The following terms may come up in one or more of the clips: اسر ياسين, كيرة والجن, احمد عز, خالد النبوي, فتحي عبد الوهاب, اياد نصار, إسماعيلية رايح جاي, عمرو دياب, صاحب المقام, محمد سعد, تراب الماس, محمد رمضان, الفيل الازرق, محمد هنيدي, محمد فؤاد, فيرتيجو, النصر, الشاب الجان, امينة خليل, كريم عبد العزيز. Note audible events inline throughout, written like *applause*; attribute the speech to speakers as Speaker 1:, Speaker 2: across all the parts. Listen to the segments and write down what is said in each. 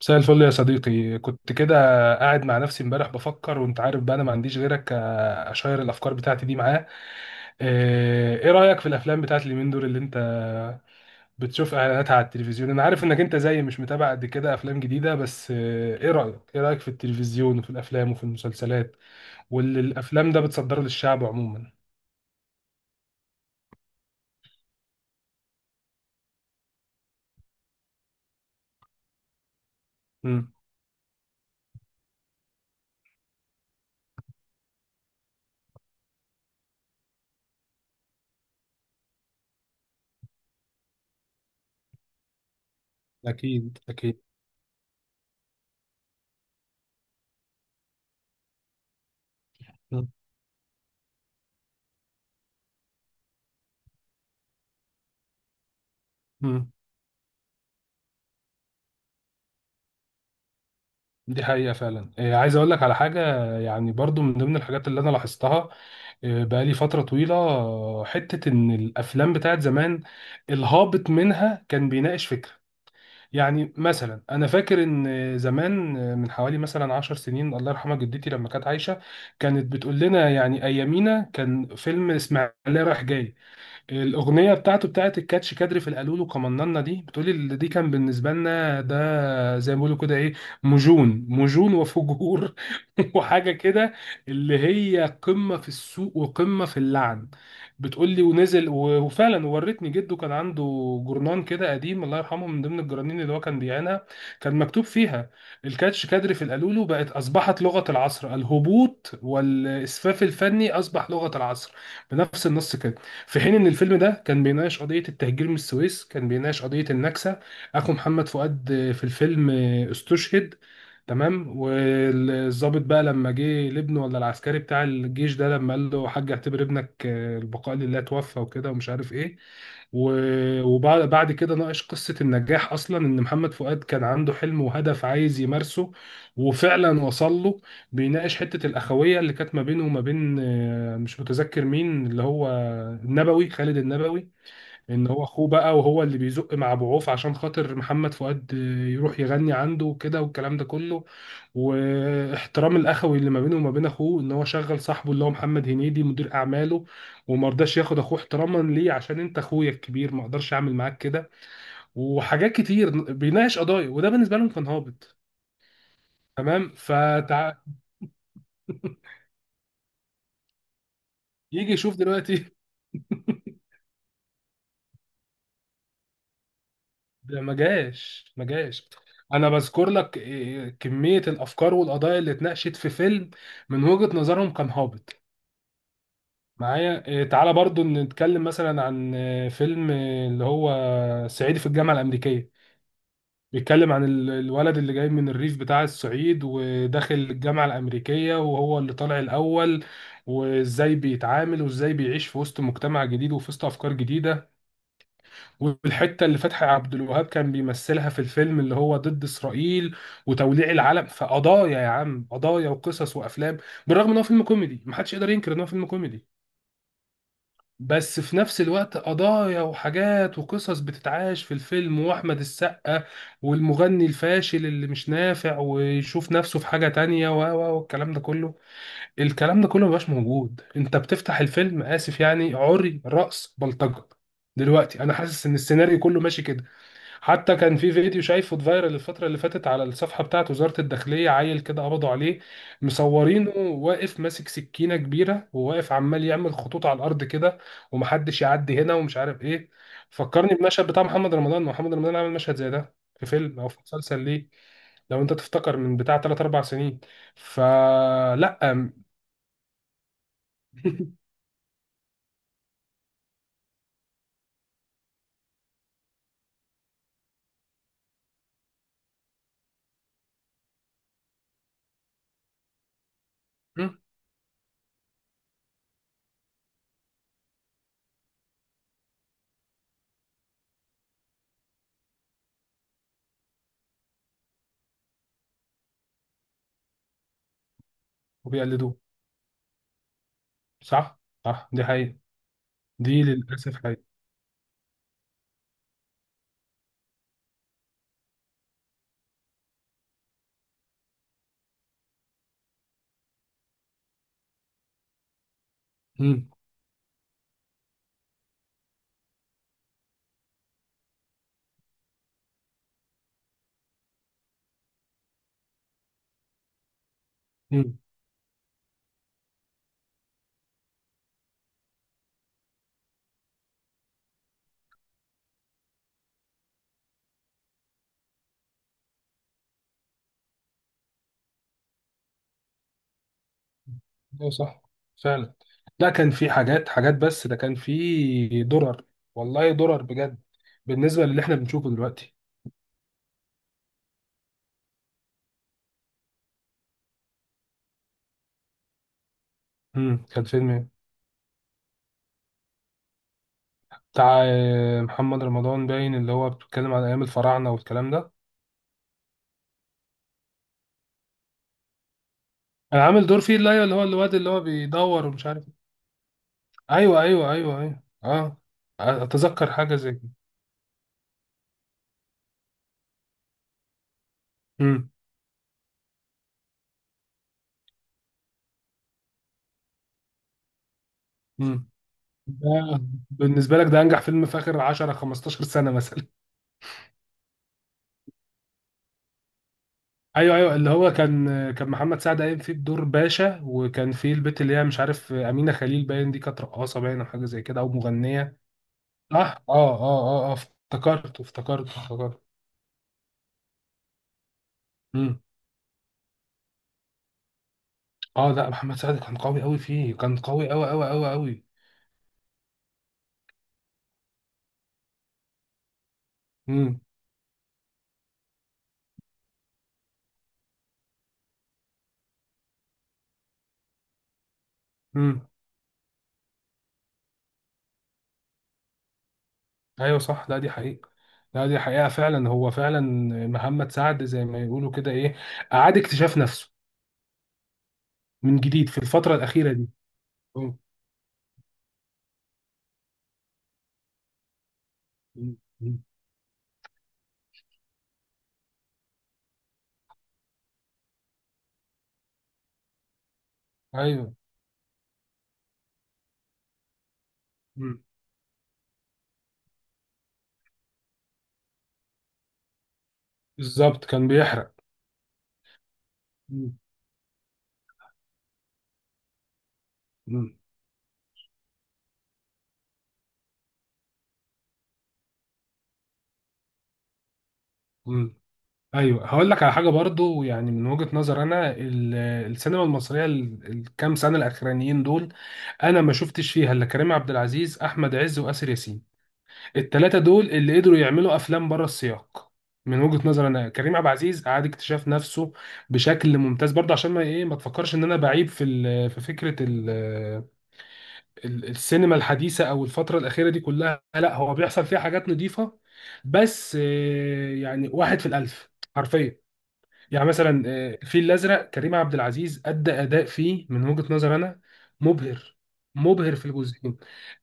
Speaker 1: مساء الفل يا صديقي. كنت كده قاعد مع نفسي امبارح بفكر. وانت عارف بقى انا ما عنديش غيرك، اشير الافكار بتاعتي دي معاه. ايه رأيك في الافلام بتاعت اليومين دول اللي انت بتشوف اعلاناتها على التلفزيون؟ انا عارف انك انت زيي، مش متابع قد كده افلام جديدة، بس ايه رأيك، في التلفزيون وفي الافلام وفي المسلسلات واللي الافلام ده بتصدره للشعب عموما؟ امم. اكيد اكيد. مم. مم. دي حقيقة فعلا. عايز اقول لك على حاجة، يعني برضو من ضمن الحاجات اللي انا لاحظتها بقالي فترة طويلة، حتة إن الأفلام بتاعت زمان الهابط منها كان بيناقش فكرة. يعني مثلا أنا فاكر إن زمان، من حوالي مثلا 10 سنين، الله يرحمها جدتي لما كانت عايشة، كانت بتقول لنا يعني أيامينا كان فيلم إسماعيلية رايح جاي، الأغنية بتاعته بتاعت الكاتش كادري في القالولو قمننا دي، بتقولي اللي دي كان بالنسبة لنا ده زي ما بيقولوا كده إيه، مجون مجون وفجور. *laughs* وحاجة كده اللي هي قمة في السوق وقمة في اللعن. بتقولي، ونزل، وفعلا ورتني جده، كان عنده جورنان كده قديم، الله يرحمه، من ضمن الجرانين اللي هو كان بيعينها، كان مكتوب فيها الكاتش كادري في القالولو بقت أصبحت لغة العصر، الهبوط والإسفاف الفني أصبح لغة العصر، بنفس النص كده. في حين ان الفيلم ده كان بيناقش قضيه التهجير من السويس، كان بيناقش قضيه النكسه. اخو محمد فؤاد في الفيلم استشهد، تمام. والضابط بقى لما جه لابنه، ولا العسكري بتاع الجيش ده لما قال له حاج اعتبر ابنك، البقاء لله، توفى وكده ومش عارف ايه. وبعد كده ناقش قصة النجاح، أصلا إن محمد فؤاد كان عنده حلم وهدف عايز يمارسه، وفعلا وصل له. بيناقش حتة الأخوية اللي كانت ما بينه وما بين، مش متذكر مين، اللي هو النبوي، خالد النبوي. ان هو اخوه بقى، وهو اللي بيزق مع ابو عوف عشان خاطر محمد فؤاد يروح يغني عنده وكده والكلام ده كله. واحترام الاخوي اللي ما بينه وما بين اخوه، ان هو شغل صاحبه اللي هو محمد هنيدي مدير اعماله، وما رضاش ياخد اخوه احتراما ليه، عشان انت اخويا الكبير ما اقدرش اعمل معاك كده. وحاجات كتير بيناقش قضايا، وده بالنسبه لهم كان هابط. تمام. *laughs* يجي يشوف دلوقتي. *laughs* ده ما جاش ما جاش. انا بذكر لك إيه، كمية الافكار والقضايا اللي اتناقشت في فيلم من وجهة نظرهم كان هابط. معايا إيه، تعالى برضو نتكلم مثلا عن فيلم، اللي هو صعيدي في الجامعة الأمريكية، بيتكلم عن الولد اللي جاي من الريف بتاع الصعيد، وداخل الجامعة الأمريكية، وهو اللي طالع الأول، وازاي بيتعامل، وازاي بيعيش في وسط مجتمع جديد، وفي وسط أفكار جديدة، والحته اللي فتحي عبد الوهاب كان بيمثلها في الفيلم اللي هو ضد اسرائيل وتوليع العلم. فقضايا يا عم، قضايا وقصص وافلام. بالرغم ان هو فيلم كوميدي، محدش يقدر ينكر ان هو فيلم كوميدي، بس في نفس الوقت قضايا وحاجات وقصص بتتعاش في الفيلم. واحمد السقا والمغني الفاشل اللي مش نافع ويشوف نفسه في حاجه تانية، و و والكلام ده كله. الكلام ده كله مبقاش موجود. انت بتفتح الفيلم، اسف يعني، عري، رأس، بلطجة. دلوقتي انا حاسس ان السيناريو كله ماشي كده. حتى كان في فيديو شايفه اتفايرل الفترة اللي فاتت على الصفحة بتاعت وزارة الداخلية، عيل كده قبضوا عليه، مصورينه واقف ماسك سكينة كبيرة، وواقف عمال يعمل خطوط على الأرض كده، ومحدش يعدي هنا ومش عارف إيه. فكرني بمشهد بتاع محمد رمضان. محمد رمضان عمل مشهد زي ده في فيلم أو في مسلسل ليه، لو أنت تفتكر، من بتاع 3 4 سنين. فلا. *laughs* وبيقلدوه. صح. صح، دي حقيقة. دي للأسف حقيقة. ايوه صح. فعلا، ده كان في حاجات، حاجات، بس ده كان في درر. والله درر بجد بالنسبه للي احنا بنشوفه دلوقتي. كان فيلم إيه؟ بتاع محمد رمضان باين، اللي هو بيتكلم عن ايام الفراعنه والكلام ده. انا عامل دور فيه، اللي هو اللي هو الواد اللي هو بيدور ومش عارف إيه. ايوه ايوه ايوه ايوه اه. اتذكر حاجه زي كده. امم. امم. ده بالنسبه لك ده انجح فيلم في اخر 10 15 سنه مثلا؟ ايوه ايوه اللي هو كان، كان محمد سعد قايم فيه بدور باشا، وكان فيه البت اللي هي مش عارف امينه خليل باين دي، كانت رقاصه باين او حاجه زي كده او مغنيه. صح اه اه اه اه، افتكرت افتكرت افتكرت. امم. اه لا، محمد سعد كان قوي قوي فيه، كان قوي قوي قوي قوي قوي. امم. امم. ايوه صح، لا دي حقيقه. لا دي حقيقه فعلا، هو فعلا محمد سعد زي ما يقولوا كده ايه، اعاد اكتشاف نفسه من جديد في الفتره الاخيره دي. مم. مم. مم. ايوه. مم. بالظبط كان بيحرق. مم. مم. ايوه هقول لك على حاجه برضو، يعني من وجهه نظر انا، السينما المصريه الكام سنه الاخرانيين دول، انا ما شفتش فيها الا كريم عبد العزيز، احمد عز، واسر ياسين. الثلاثه دول اللي قدروا يعملوا افلام بره السياق. من وجهه نظر انا، كريم عبد العزيز اعاد اكتشاف نفسه بشكل ممتاز برضه. عشان ما ايه، ما تفكرش ان انا بعيب في في فكره السينما الحديثة أو الفترة الأخيرة دي كلها، لا، هو بيحصل فيها حاجات نظيفة، بس يعني واحد في الألف، حرفيا. يعني مثلا الفيل الازرق، كريم عبد العزيز ادى اداء فيه من وجهة نظر انا مبهر، مبهر في الجزئين.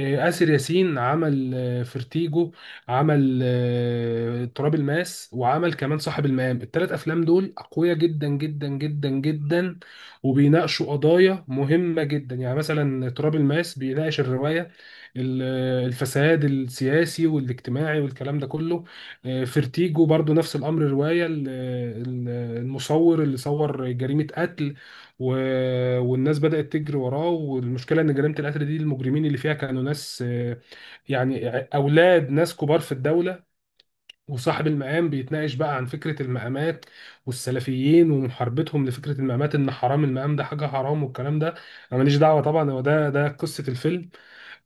Speaker 1: آسر ياسين عمل فيرتيجو، عمل تراب الماس، وعمل كمان صاحب المقام. الثلاث افلام دول اقوياء جدا جدا جدا جدا، وبيناقشوا قضايا مهمة جدا. يعني مثلا تراب الماس بيناقش الرواية، ال- الفساد السياسي والاجتماعي والكلام ده كله. فيرتيجو برضو نفس الامر، روايه المصور اللي صور جريمه قتل، و... والناس بدات تجري وراه، والمشكله ان جريمه القتل دي المجرمين اللي فيها كانوا ناس، يعني اولاد ناس كبار في الدوله. وصاحب المقام بيتناقش بقى عن فكره المقامات، والسلفيين ومحاربتهم لفكره المقامات، ان حرام المقام ده حاجه حرام والكلام ده. انا ماليش دعوه طبعا، هو ده قصه الفيلم،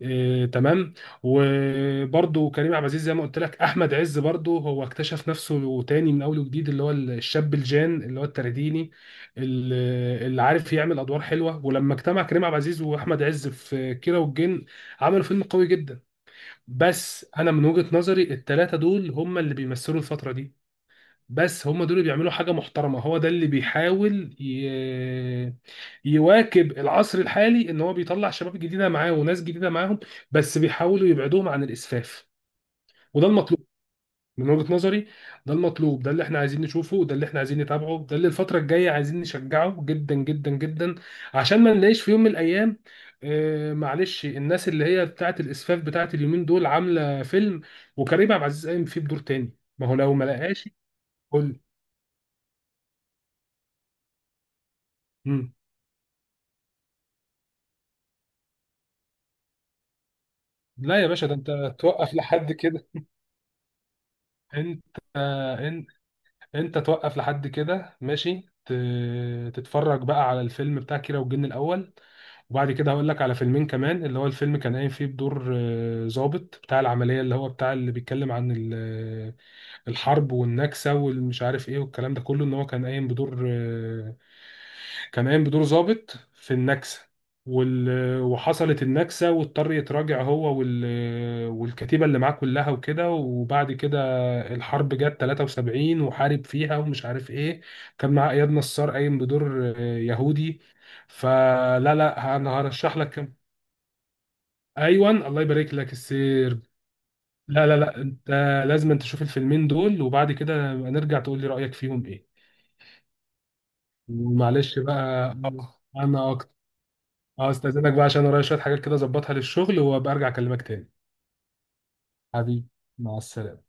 Speaker 1: إيه، تمام. وبرضه كريم عبد العزيز زي ما قلت لك، احمد عز برضه هو اكتشف نفسه تاني من اول وجديد، اللي هو الشاب الجان اللي هو الترديني، اللي عارف يعمل ادوار حلوه. ولما اجتمع كريم عبد العزيز واحمد عز في كيرة والجن عملوا فيلم قوي جدا. بس انا من وجهة نظري الثلاثه دول هم اللي بيمثلوا الفتره دي، بس هم دول اللي بيعملوا حاجه محترمه. هو ده اللي بيحاول يواكب العصر الحالي، ان هو بيطلع شباب جديده معاه وناس جديده معاهم، بس بيحاولوا يبعدوهم عن الاسفاف، وده المطلوب من وجهة نظري. ده المطلوب، ده اللي احنا عايزين نشوفه، ده اللي احنا عايزين نتابعه، ده اللي الفترة الجاية عايزين نشجعه جدا جدا جدا، عشان ما نلاقيش في يوم من الايام، آه معلش، الناس اللي هي بتاعت الاسفاف بتاعت اليومين دول عاملة فيلم وكريم عبد العزيز قايم فيه بدور تاني. ما هو لو ما لقاش. قول. مم. لا يا باشا، ده انت توقف لحد كده. انت انت توقف لحد كده ماشي، تتفرج بقى على الفيلم بتاع كيرة والجن الاول، وبعد كده هقول لك على فيلمين كمان. اللي هو الفيلم كان قايم فيه بدور ضابط بتاع العملية، اللي هو بتاع اللي بيتكلم عن الحرب والنكسة والمش عارف ايه والكلام ده كله، ان هو كان قايم بدور كان قايم بدور ضابط في النكسة. وال... وحصلت النكسة واضطر يتراجع هو والكتيبة اللي معاه كلها وكده، وبعد كده الحرب جت 73 وحارب فيها ومش عارف ايه. كان معاه اياد نصار قايم بدور يهودي. فلا لا، انا هرشح لك كم. ايوه، الله يبارك لك، السير. لا لا لا، انت لازم انت تشوف الفيلمين دول، وبعد كده نبقى نرجع تقول لي رأيك فيهم ايه. ومعلش بقى، يلا. انا اكتر. اه، استاذنك بقى عشان ورايا شوية حاجات كده اظبطها للشغل، وابقى ارجع اكلمك تاني. حبيبي، مع السلامة.